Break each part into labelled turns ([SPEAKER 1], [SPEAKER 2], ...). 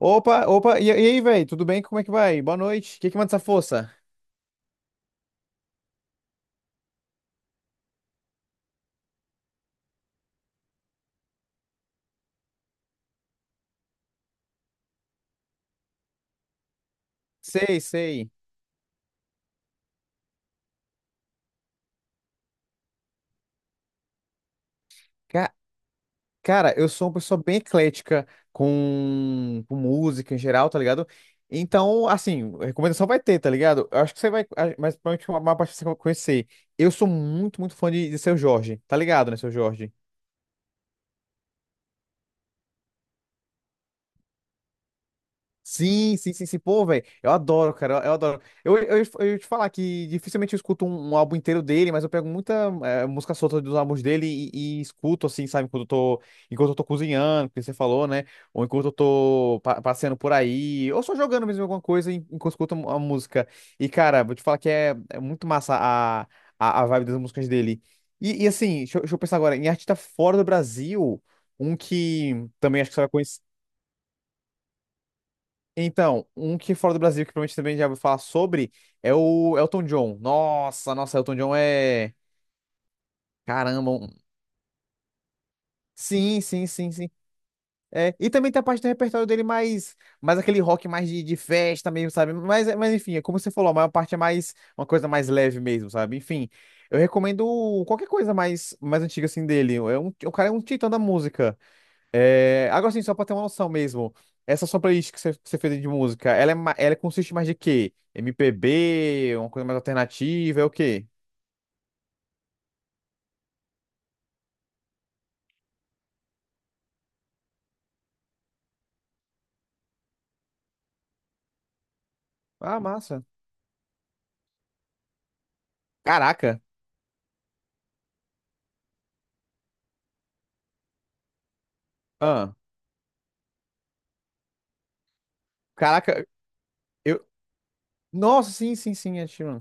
[SPEAKER 1] Opa, e aí, velho? Tudo bem? Como é que vai? Boa noite. O que que manda essa força? Sei, sei. Ca- Cara, eu sou uma pessoa bem eclética com música em geral, tá ligado? Então, assim, recomendação vai ter, tá ligado? Eu acho que você vai, mas provavelmente uma parte você vai conhecer. Eu sou muito fã de Seu Jorge, tá ligado, né, Seu Jorge? Sim, sim, sim, sim. Pô, velho, eu adoro, cara, eu adoro. Eu ia te falar que dificilmente eu escuto um álbum inteiro dele, mas eu pego muita música solta dos álbuns dele e escuto, assim, sabe, quando eu tô, enquanto eu tô cozinhando, que você falou, né? Ou enquanto eu tô passeando por aí, ou só jogando mesmo alguma coisa enquanto eu escuto a música. E, cara, vou te falar que é muito massa a vibe das músicas dele. E assim, deixa eu pensar agora, em artista fora do Brasil, um que também acho que você vai conhecer. Então, um que fora do Brasil, que provavelmente também já ouviu falar sobre, é o Elton John. Nossa, nossa, Elton John é. Caramba. Sim, sim, sim, sim. É, e também tem a parte do repertório dele mais aquele rock mais de festa mesmo, sabe? Mas enfim, é como você falou, a maior parte é mais uma coisa mais leve mesmo, sabe? Enfim, eu recomendo qualquer coisa mais antiga assim dele. É um, o cara é um titã da música. É, agora sim, só pra ter uma noção mesmo, essa sua playlist que você fez de música, ela, ela consiste mais de quê? MPB, uma coisa mais alternativa, é o quê? Ah, massa. Caraca. Ah, caraca, eu... Nossa, sim, sim, sim, é, Sheeran.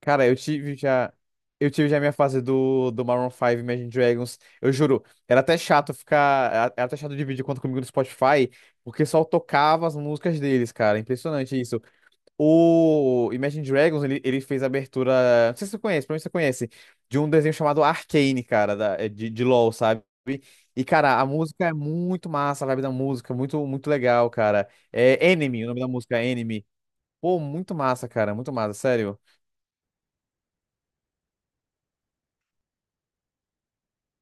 [SPEAKER 1] Cara, Eu tive já a minha fase do Maroon 5 Imagine Dragons. Eu juro, Era até chato dividir conta comigo no Spotify, porque só tocava as músicas deles, cara. Impressionante isso. O Imagine Dragons, ele fez a abertura. Não sei se você conhece, provavelmente você conhece. De um desenho chamado Arcane, cara, de LoL, sabe? E, cara, a música é muito massa, a vibe da música, muito legal, cara. É Enemy, o nome da música, é Enemy. Pô, muito massa, cara, muito massa, sério.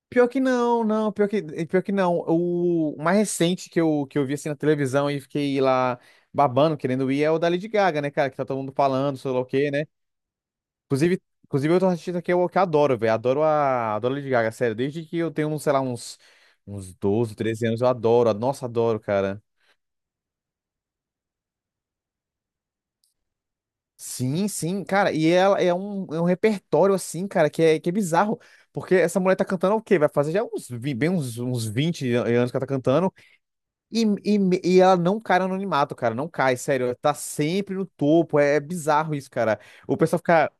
[SPEAKER 1] Pior que não, não, pior que não. O mais recente que eu vi assim na televisão e fiquei lá babando, querendo ir, é o da Lady Gaga, né, cara? Que tá todo mundo falando, sei lá o quê, né? Inclusive outro artista que eu que adoro, velho. Adoro adoro a Lady Gaga, sério. Desde que eu tenho, sei lá, uns, uns 12 13 anos, eu adoro. Nossa, adoro, cara. Sim, sim, cara. E ela é um repertório, assim, cara, que é bizarro. Porque essa mulher tá cantando o quê? Vai fazer já uns, bem uns, uns 20 anos que ela tá cantando. E ela não cai no anonimato, cara. Não cai, sério. Ela tá sempre no topo. É, é bizarro isso, cara. O pessoal fica.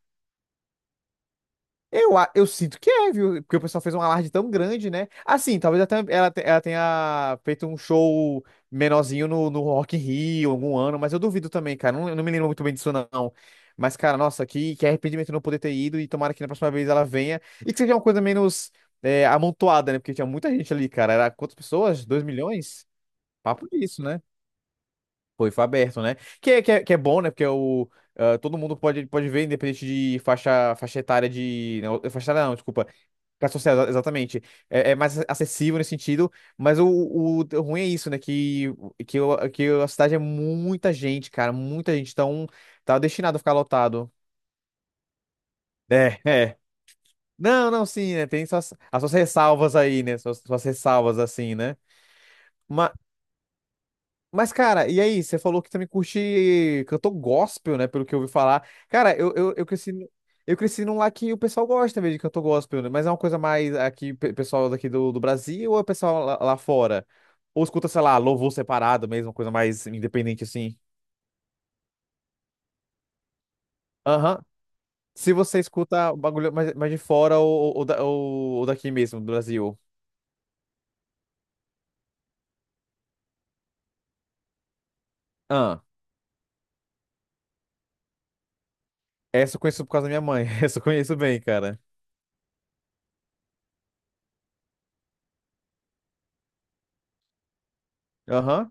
[SPEAKER 1] Eu sinto que é, viu? Porque o pessoal fez um alarde tão grande, né? Assim, talvez até ela tenha feito um show menorzinho no Rock in Rio algum ano, mas eu duvido também, cara. Não, eu não me lembro muito bem disso, não. Mas, cara, nossa, que arrependimento não poder ter ido e tomara que na próxima vez ela venha. E que seja uma coisa menos amontoada, né? Porque tinha muita gente ali, cara. Era quantas pessoas? Dois milhões? Papo disso, né? Foi, foi aberto, né? Que é bom, né? Porque é o, ah, todo mundo pode, pode ver, independente de faixa etária de. Não, faixa etária não, desculpa. Classe social, exatamente. É, é mais acessível nesse sentido, mas o ruim é isso, né? Que a cidade é muita gente, cara, muita gente. Então, tá destinado a ficar lotado. É, é. Não, não, sim, né? Tem suas, as suas ressalvas aí, né? Suas, suas ressalvas, assim, né? Mas, cara, e aí? Você falou que também curte cantor gospel, né? Pelo que eu ouvi falar. Cara, eu cresci, eu cresci num lá que o pessoal gosta mesmo de cantor gospel, né? Mas é uma coisa mais aqui, pessoal daqui do Brasil ou é pessoal lá, lá fora? Ou escuta, sei lá, louvor separado mesmo, uma coisa mais independente assim? Aham. Se você escuta o bagulho mais, mais de fora ou, ou daqui mesmo, do Brasil. Ah, essa eu conheço por causa da minha mãe. Essa eu conheço bem, cara. Aham,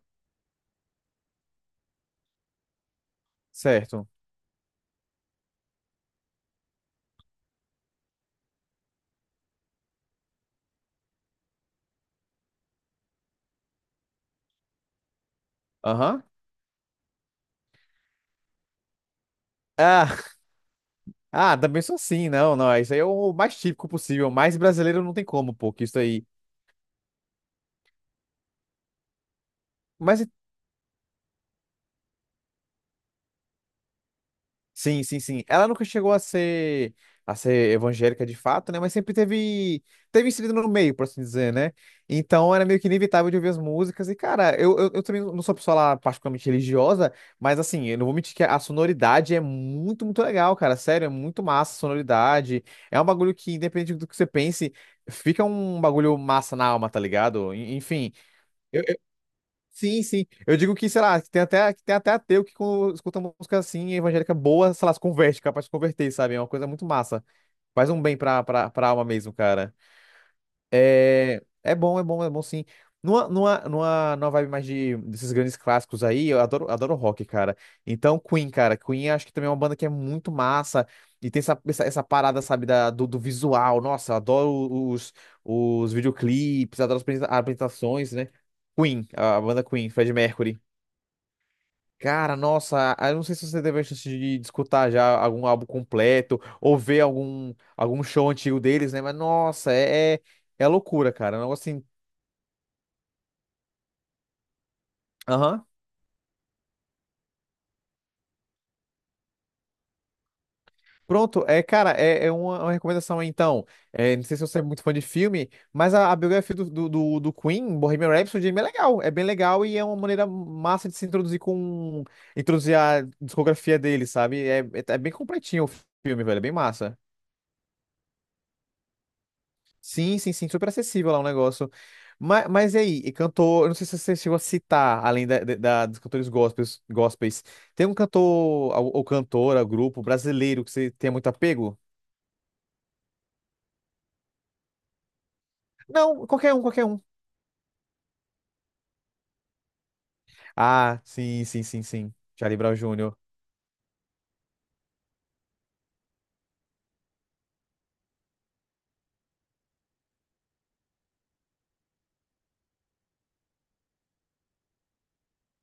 [SPEAKER 1] certo. Aham. Ah, também sou assim, não, não. Isso aí é o mais típico possível. Mais brasileiro não tem como, pô, que isso aí. Mas sim, sim, sim. Ela nunca chegou a ser evangélica de fato, né? Mas sempre teve inserido no meio, por assim dizer, né? Então era meio que inevitável de ouvir as músicas. E, cara, eu também não sou uma pessoa lá particularmente religiosa, mas assim, eu não vou mentir que a sonoridade é muito legal, cara. Sério, é muito massa a sonoridade. É um bagulho que, independente do que você pense, fica um bagulho massa na alma, tá ligado? Enfim. Sim, sim. Eu digo que, sei lá, que tem até ateu que quando escuta música assim, evangélica boa, sei lá, se converte, capaz de se converter, sabe? É uma coisa muito massa. Faz um bem pra alma mesmo, cara. É, é bom, é bom, é bom sim. Numa vibe mais de, desses grandes clássicos aí, eu adoro, adoro rock, cara. Então, Queen, cara. Queen acho que também é uma banda que é muito massa. E tem essa parada, sabe, do visual. Nossa, eu adoro os videoclipes, adoro as apresentações, né? Queen, a banda Queen, Freddie Mercury. Cara, nossa, eu não sei se você teve a chance de escutar já algum álbum completo ou ver algum, algum show antigo deles, né? Mas nossa, é loucura, cara. É um negócio assim. Aham. Pronto, é, cara, é uma recomendação aí, então. É, não sei se você é muito fã de filme, mas a biografia do Queen, Bohemian Rhapsody, é bem legal. É bem legal e é uma maneira massa de se introduzir com. Introduzir a discografia dele, sabe? É bem completinho o filme, velho. É bem massa. Sim, sim, sim, super acessível lá o negócio. Mas e aí, e cantor, eu não sei se você chegou a citar, além dos cantores gospels, gospels, tem um cantor ou cantora, grupo brasileiro que você tenha muito apego? Não, qualquer um, qualquer um. Ah, sim, sim, sim, sim. Charlie Brown Jr.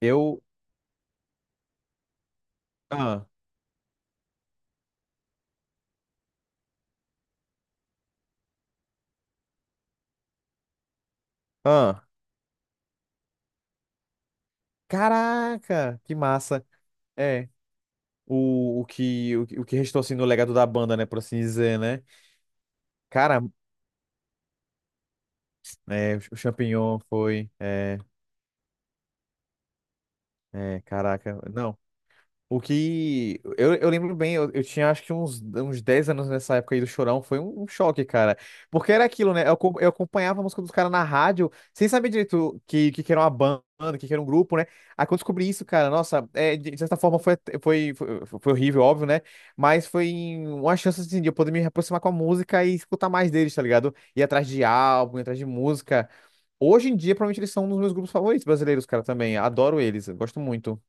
[SPEAKER 1] Eu. Ah, ah. Caraca, que massa. É, o que restou assim no legado da banda, né, por assim dizer, né? Cara, é, o Champignon foi. É, é, caraca. Não. O que. Eu lembro bem, eu tinha acho que uns, uns 10 anos nessa época aí do Chorão, foi um, um choque, cara. Porque era aquilo, né? Eu acompanhava a música dos caras na rádio, sem saber direito que era uma banda, que era um grupo, né? Aí quando eu descobri isso, cara, nossa, é, de certa forma foi, foi horrível, óbvio, né? Mas foi uma chance, assim, de eu poder me aproximar com a música e escutar mais deles, tá ligado? Ir atrás de álbum, ir atrás de música. Hoje em dia, provavelmente eles são um dos meus grupos favoritos brasileiros, cara, também. Adoro eles, eu gosto muito.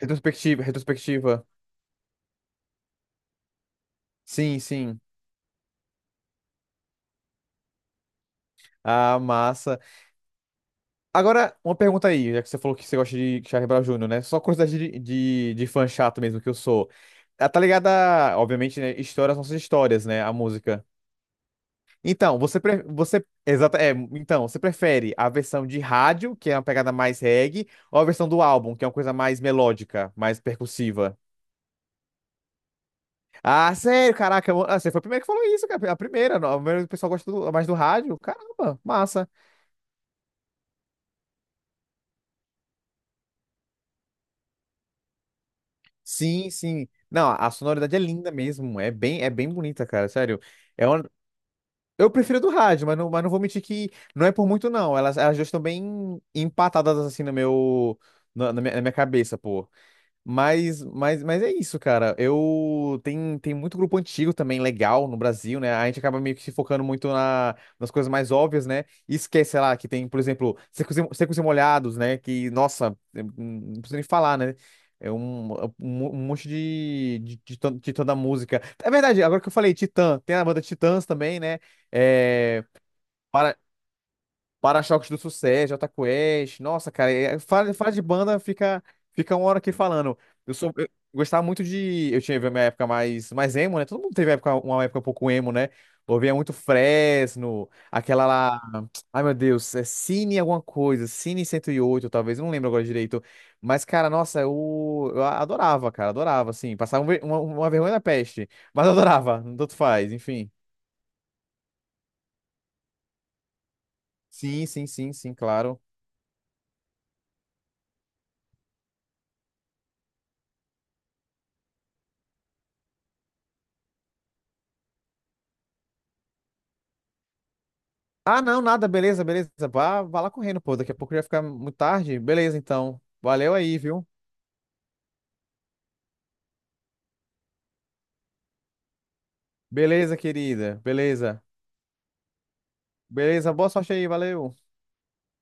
[SPEAKER 1] Retrospectiva. Sim, sim. Ah, massa. Agora, uma pergunta aí, já que você falou que você gosta de Charlie Brown Jr., né? Só curiosidade de fã chato mesmo que eu sou. Ah, tá ligada, a, obviamente, né? Histórias, nossas histórias, né? A música. Então, você, pre- você, exata, é, então, você prefere a versão de rádio, que é uma pegada mais reggae, ou a versão do álbum, que é uma coisa mais melódica, mais percussiva? Ah, sério, caraca, você foi o primeiro que falou isso, cara. A primeira, não, a primeira, o pessoal gosta mais do rádio. Caramba, massa. Sim, sim. Não, a sonoridade é linda mesmo. É bem bonita, cara. Sério. É uma... Eu prefiro a do rádio, mas não vou mentir que não é por muito, não. Elas duas estão bem empatadas assim no meu, na minha cabeça, pô. Mas é isso, cara. Tem muito grupo antigo também legal no Brasil, né? A gente acaba meio que se focando muito nas coisas mais óbvias, né? E esquece, sei lá, que tem, por exemplo, Secos e Molhados, né? Que, nossa, não precisa nem falar, né? É um, um monte titã da música. É verdade, agora que eu falei Titã, tem a banda Titãs também, né? É, para-choques do Sucesso, Jota Quest. Nossa, cara, fala de banda, fica uma hora aqui falando. Eu gostava muito de. Eu tinha minha época mais emo, né? Todo mundo teve época, uma época um pouco emo, né? Ouvia muito Fresno, aquela lá. Ai, meu Deus, é Cine alguma coisa, Cine 108 talvez, eu não lembro agora direito. Mas, cara, nossa, eu adorava, cara, adorava, assim. Passava uma vergonha da peste, mas eu adorava, tanto faz, enfim. Sim, sim, sim, sim, claro. Ah, não, nada, beleza, beleza. Vá, vá lá correndo, pô. Daqui a pouco já vai ficar muito tarde. Beleza, então. Valeu aí, viu? Beleza, querida. Beleza. Beleza, boa sorte aí, valeu.